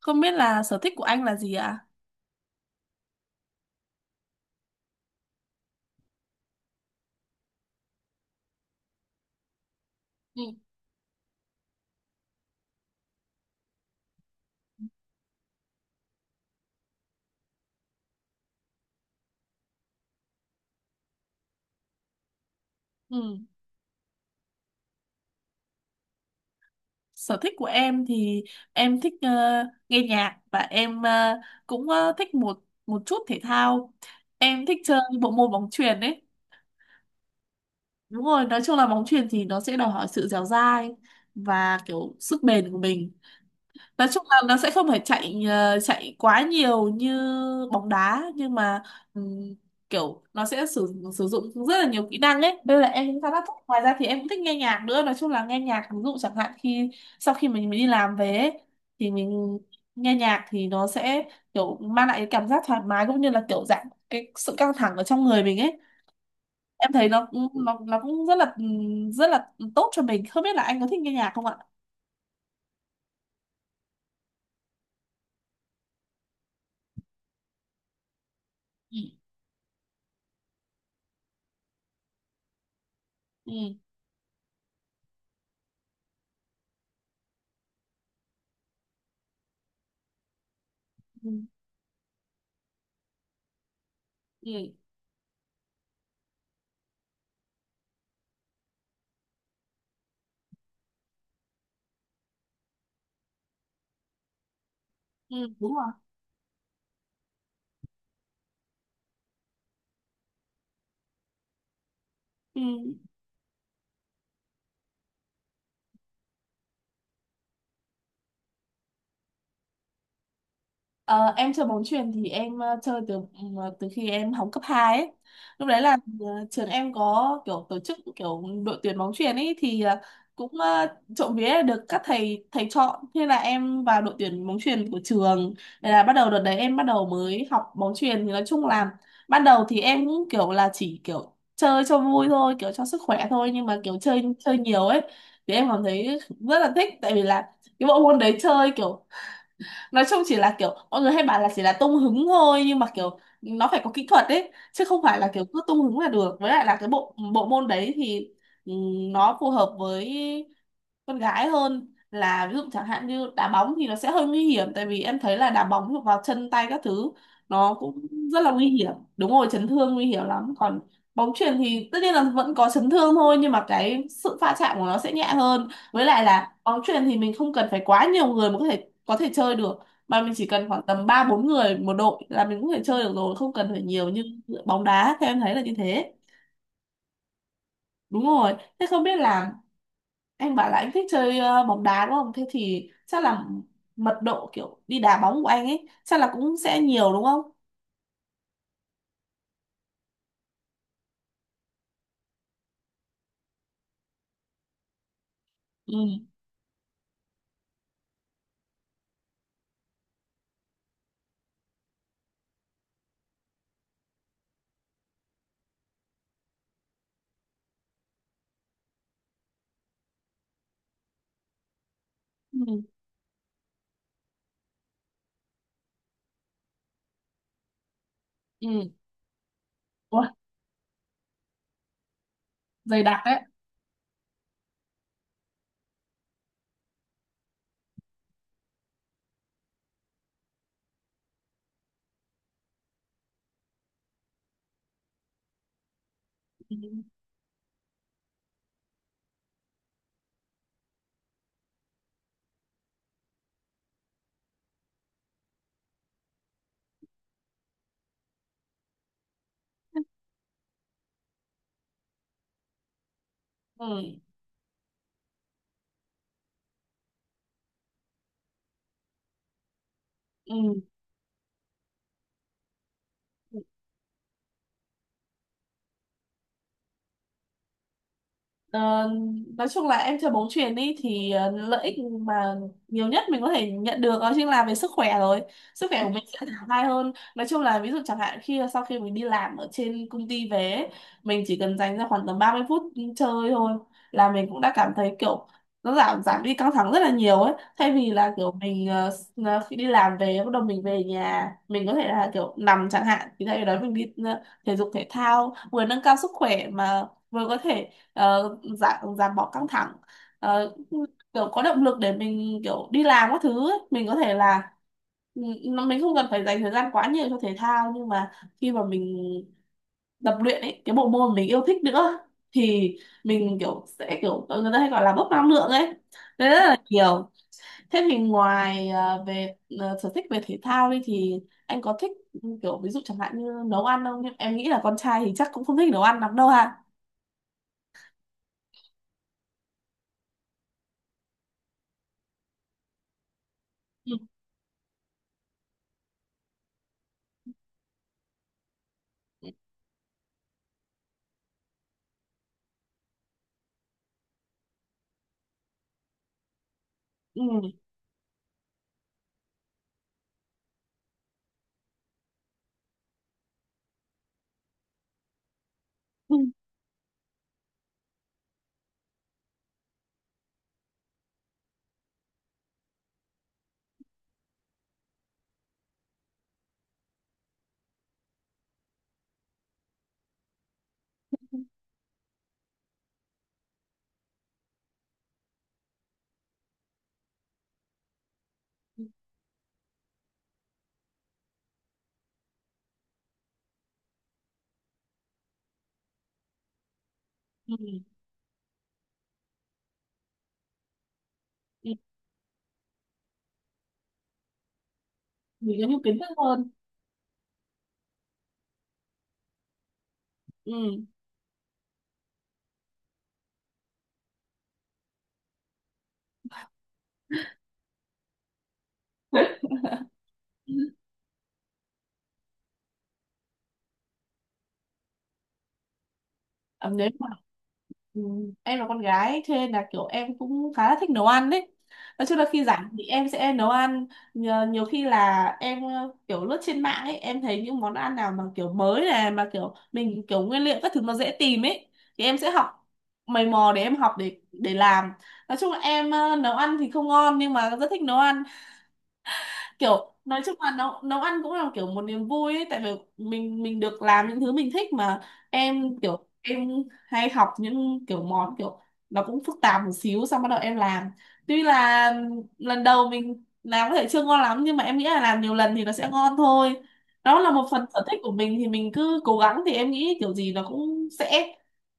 Không biết là sở thích của anh là gì ạ? Ừ. Ừ. Sở thích của em thì em thích nghe nhạc và em cũng thích một một chút thể thao. Em thích chơi bộ môn bóng chuyền ấy. Đúng rồi, nói chung là bóng chuyền thì nó sẽ đòi hỏi sự dẻo dai và kiểu sức bền của mình. Nói chung là nó sẽ không phải chạy chạy quá nhiều như bóng đá, nhưng mà ừm, kiểu nó sẽ sử sử dụng rất là nhiều kỹ năng ấy. Đây là em cũng khá là thích. Ngoài ra thì em cũng thích nghe nhạc nữa, nói chung là nghe nhạc, ví dụ chẳng hạn khi sau khi mình đi làm về ấy, thì mình nghe nhạc thì nó sẽ kiểu mang lại cái cảm giác thoải mái cũng như là kiểu giảm cái sự căng thẳng ở trong người mình ấy. Em thấy nó cũng nó cũng rất là tốt cho mình. Không biết là anh có thích nghe nhạc không ạ? Ừ. Ừ. Ừ. Ừ, ừ, đúng rồi. Ừ. Ờ, em chơi bóng chuyền thì em chơi từ từ khi em học cấp 2 ấy. Lúc đấy là trường em có kiểu tổ chức kiểu đội tuyển bóng chuyền ấy, thì cũng trộm vía là được các thầy thầy chọn, thế là em vào đội tuyển bóng chuyền của trường. Thế là bắt đầu đợt đấy em bắt đầu mới học bóng chuyền, thì nói chung là ban đầu thì em cũng kiểu là chỉ kiểu chơi cho vui thôi, kiểu cho sức khỏe thôi, nhưng mà kiểu chơi chơi nhiều ấy thì em cảm thấy rất là thích, tại vì là cái bộ môn đấy chơi kiểu nói chung chỉ là kiểu mọi người hay bảo là chỉ là tung hứng thôi, nhưng mà kiểu nó phải có kỹ thuật đấy, chứ không phải là kiểu cứ tung hứng là được. Với lại là cái bộ bộ môn đấy thì nó phù hợp với con gái hơn, là ví dụ chẳng hạn như đá bóng thì nó sẽ hơi nguy hiểm, tại vì em thấy là đá bóng vào chân tay các thứ nó cũng rất là nguy hiểm. Đúng rồi, chấn thương nguy hiểm lắm, còn bóng chuyền thì tất nhiên là vẫn có chấn thương thôi, nhưng mà cái sự va chạm của nó sẽ nhẹ hơn. Với lại là bóng chuyền thì mình không cần phải quá nhiều người mà có thể chơi được, mà mình chỉ cần khoảng tầm ba bốn người một đội là mình cũng có thể chơi được rồi, không cần phải nhiều như bóng đá, theo em thấy là như thế. Đúng rồi, thế không biết là anh bảo là anh thích chơi bóng đá đúng không? Thế thì chắc là mật độ kiểu đi đá bóng của anh ấy chắc là cũng sẽ nhiều đúng không? Ừ. Ừ. Ừ. Ừ. Ừ. Ừ. Ờ, nói chung là em chơi bóng chuyền đi thì lợi ích mà nhiều nhất mình có thể nhận được đó chính là về sức khỏe rồi. Sức khỏe của mình sẽ thoải mái hơn, nói chung là ví dụ chẳng hạn khi sau khi mình đi làm ở trên công ty về ấy, mình chỉ cần dành ra khoảng tầm 30 phút chơi thôi là mình cũng đã cảm thấy kiểu nó giảm giảm đi căng thẳng rất là nhiều ấy, thay vì là kiểu mình khi đi làm về bắt đầu mình về nhà mình có thể là kiểu nằm chẳng hạn, thì thay vì đó mình đi thể dục thể thao vừa nâng cao sức khỏe, mà vừa có thể giảm giảm bỏ căng thẳng, ờ, kiểu có động lực để mình kiểu đi làm các thứ ấy. Mình có thể là mình không cần phải dành thời gian quá nhiều cho thể thao, nhưng mà khi mà mình tập luyện ấy cái bộ môn mình yêu thích nữa thì mình kiểu sẽ kiểu người ta hay gọi là bốc năng lượng ấy, đấy rất là nhiều. Thế thì ngoài về sở thích về thể thao đi thì anh có thích kiểu ví dụ chẳng hạn như nấu ăn không? Em nghĩ là con trai thì chắc cũng không thích nấu ăn lắm đâu ha. Ừ. Ừ. Ừ. Ừ. Ừ, mình có nhiều kiến thức hơn. Ừ. Ờ, Nếu mà. Ừ. Em là con gái ấy, cho nên là kiểu em cũng khá là thích nấu ăn đấy. Nói chung là khi rảnh thì em sẽ nấu ăn nhiều, nhiều khi là em kiểu lướt trên mạng ấy, em thấy những món ăn nào mà kiểu mới này, mà kiểu mình kiểu nguyên liệu các thứ nó dễ tìm ấy, thì em sẽ học, mày mò để em học để làm. Nói chung là em nấu ăn thì không ngon nhưng mà rất thích nấu ăn. Kiểu nói chung là nấu nấu ăn cũng là kiểu một niềm vui ấy, tại vì mình được làm những thứ mình thích mà. Em kiểu em hay học những kiểu món kiểu nó cũng phức tạp một xíu, xong bắt đầu em làm, tuy là lần đầu mình làm có thể chưa ngon lắm nhưng mà em nghĩ là làm nhiều lần thì nó sẽ ngon thôi. Đó là một phần sở thích của mình thì mình cứ cố gắng, thì em nghĩ kiểu gì nó cũng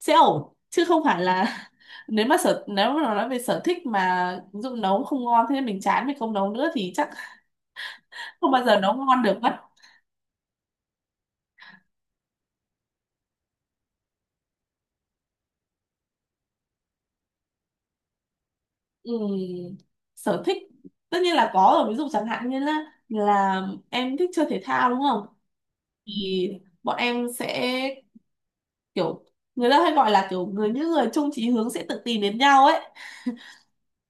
sẽ ổn, chứ không phải là nếu mà nói về sở thích mà ví dụ nấu không ngon thế nên mình chán mình không nấu nữa thì chắc không bao giờ nó ngon được mất. Ừm, sở thích tất nhiên là có rồi, ví dụ chẳng hạn như là em thích chơi thể thao đúng không, thì bọn em sẽ kiểu người ta hay gọi là kiểu người những người chung chí hướng sẽ tự tìm đến nhau ấy,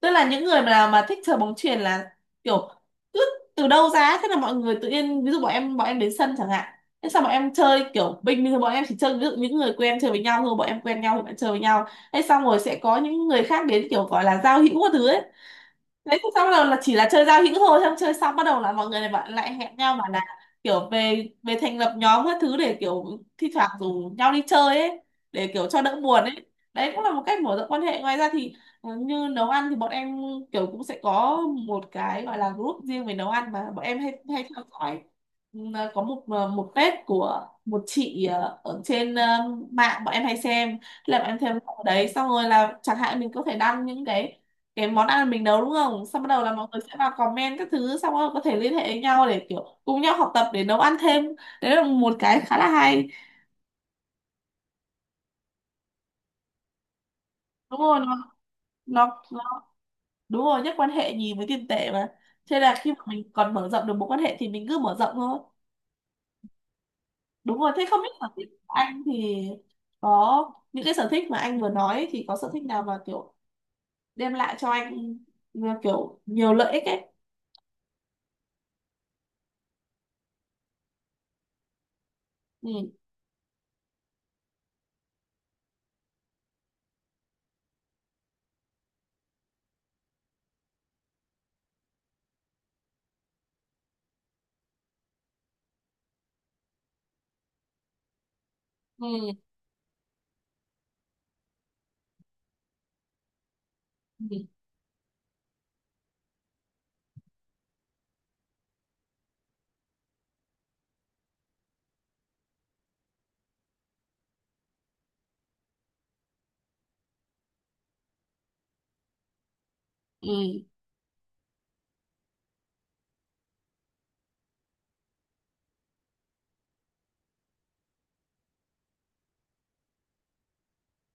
tức là những người mà thích chơi bóng chuyền là kiểu cứ từ đâu ra ấy, thế là mọi người tự nhiên, ví dụ bọn em đến sân chẳng hạn, thế sao bọn em chơi kiểu bình thường bọn em chỉ chơi, ví dụ những người quen chơi với nhau thôi, bọn em quen nhau thì bọn em chơi với nhau. Thế xong rồi sẽ có những người khác đến kiểu gọi là giao hữu các thứ ấy, đấy xong bắt đầu là chỉ là chơi giao hữu thôi, xong chơi xong bắt đầu là mọi người này bạn lại hẹn nhau mà là kiểu về về thành lập nhóm các thứ để kiểu thi thoảng rủ nhau đi chơi ấy, để kiểu cho đỡ buồn ấy. Đấy cũng là một cách mở rộng quan hệ. Ngoài ra thì như nấu ăn thì bọn em kiểu cũng sẽ có một cái gọi là group riêng về nấu ăn mà bọn em hay hay theo dõi. Có một một page của một chị ở trên mạng bọn em hay xem, là bọn em theo dõi ở đấy, xong rồi là chẳng hạn mình có thể đăng những cái món ăn mình nấu đúng không, xong bắt đầu là mọi người sẽ vào comment các thứ, xong rồi có thể liên hệ với nhau để kiểu cùng nhau học tập để nấu ăn thêm. Đấy là một cái khá là hay. Đúng rồi, nó. Đúng rồi, nhất quan hệ nhì với tiền tệ mà, thế là khi mà mình còn mở rộng được mối quan hệ thì mình cứ mở rộng thôi. Đúng rồi, thế không biết sở thích của anh thì có những cái sở thích mà anh vừa nói ấy, thì có sở thích nào mà kiểu đem lại cho anh là kiểu nhiều lợi ích ấy? Ừ. Ừ. Ừ. Ừ.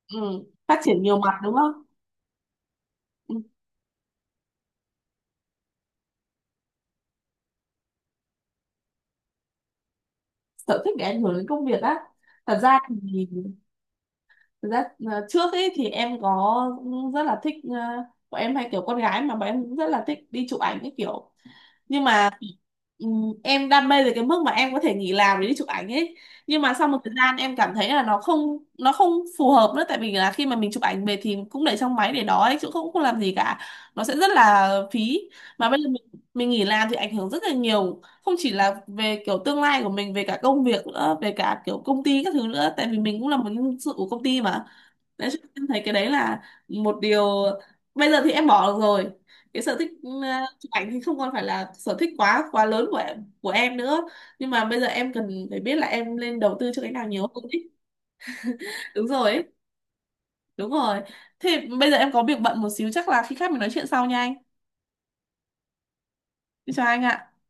Ừ, phát triển nhiều mặt đúng không? Ừ. Sở thích để ảnh hưởng đến công việc á? Thật ra thì thật ra trước ấy thì em có ừ, rất là thích bọn em hay kiểu con gái mà, bọn em cũng rất là thích đi chụp ảnh cái kiểu, nhưng mà em đam mê tới cái mức mà em có thể nghỉ làm để đi chụp ảnh ấy. Nhưng mà sau một thời gian em cảm thấy là nó không, nó không phù hợp nữa, tại vì là khi mà mình chụp ảnh về thì cũng để trong máy để đó ấy chứ cũng không làm gì cả, nó sẽ rất là phí. Mà bây giờ mình nghỉ làm thì ảnh hưởng rất là nhiều, không chỉ là về kiểu tương lai của mình về cả công việc nữa về cả kiểu công ty các thứ nữa, tại vì mình cũng là một nhân sự của công ty mà. Đấy, cho nên em thấy cái đấy là một điều. Bây giờ thì em bỏ được rồi, cái sở thích chụp ảnh thì không còn phải là sở thích quá quá lớn của em nữa, nhưng mà bây giờ em cần phải biết là em nên đầu tư cho cái nào nhiều hơn ý. Đúng rồi ấy. Đúng rồi, thế bây giờ em có việc bận một xíu, chắc là khi khác mình nói chuyện sau nha anh. Chào anh ạ.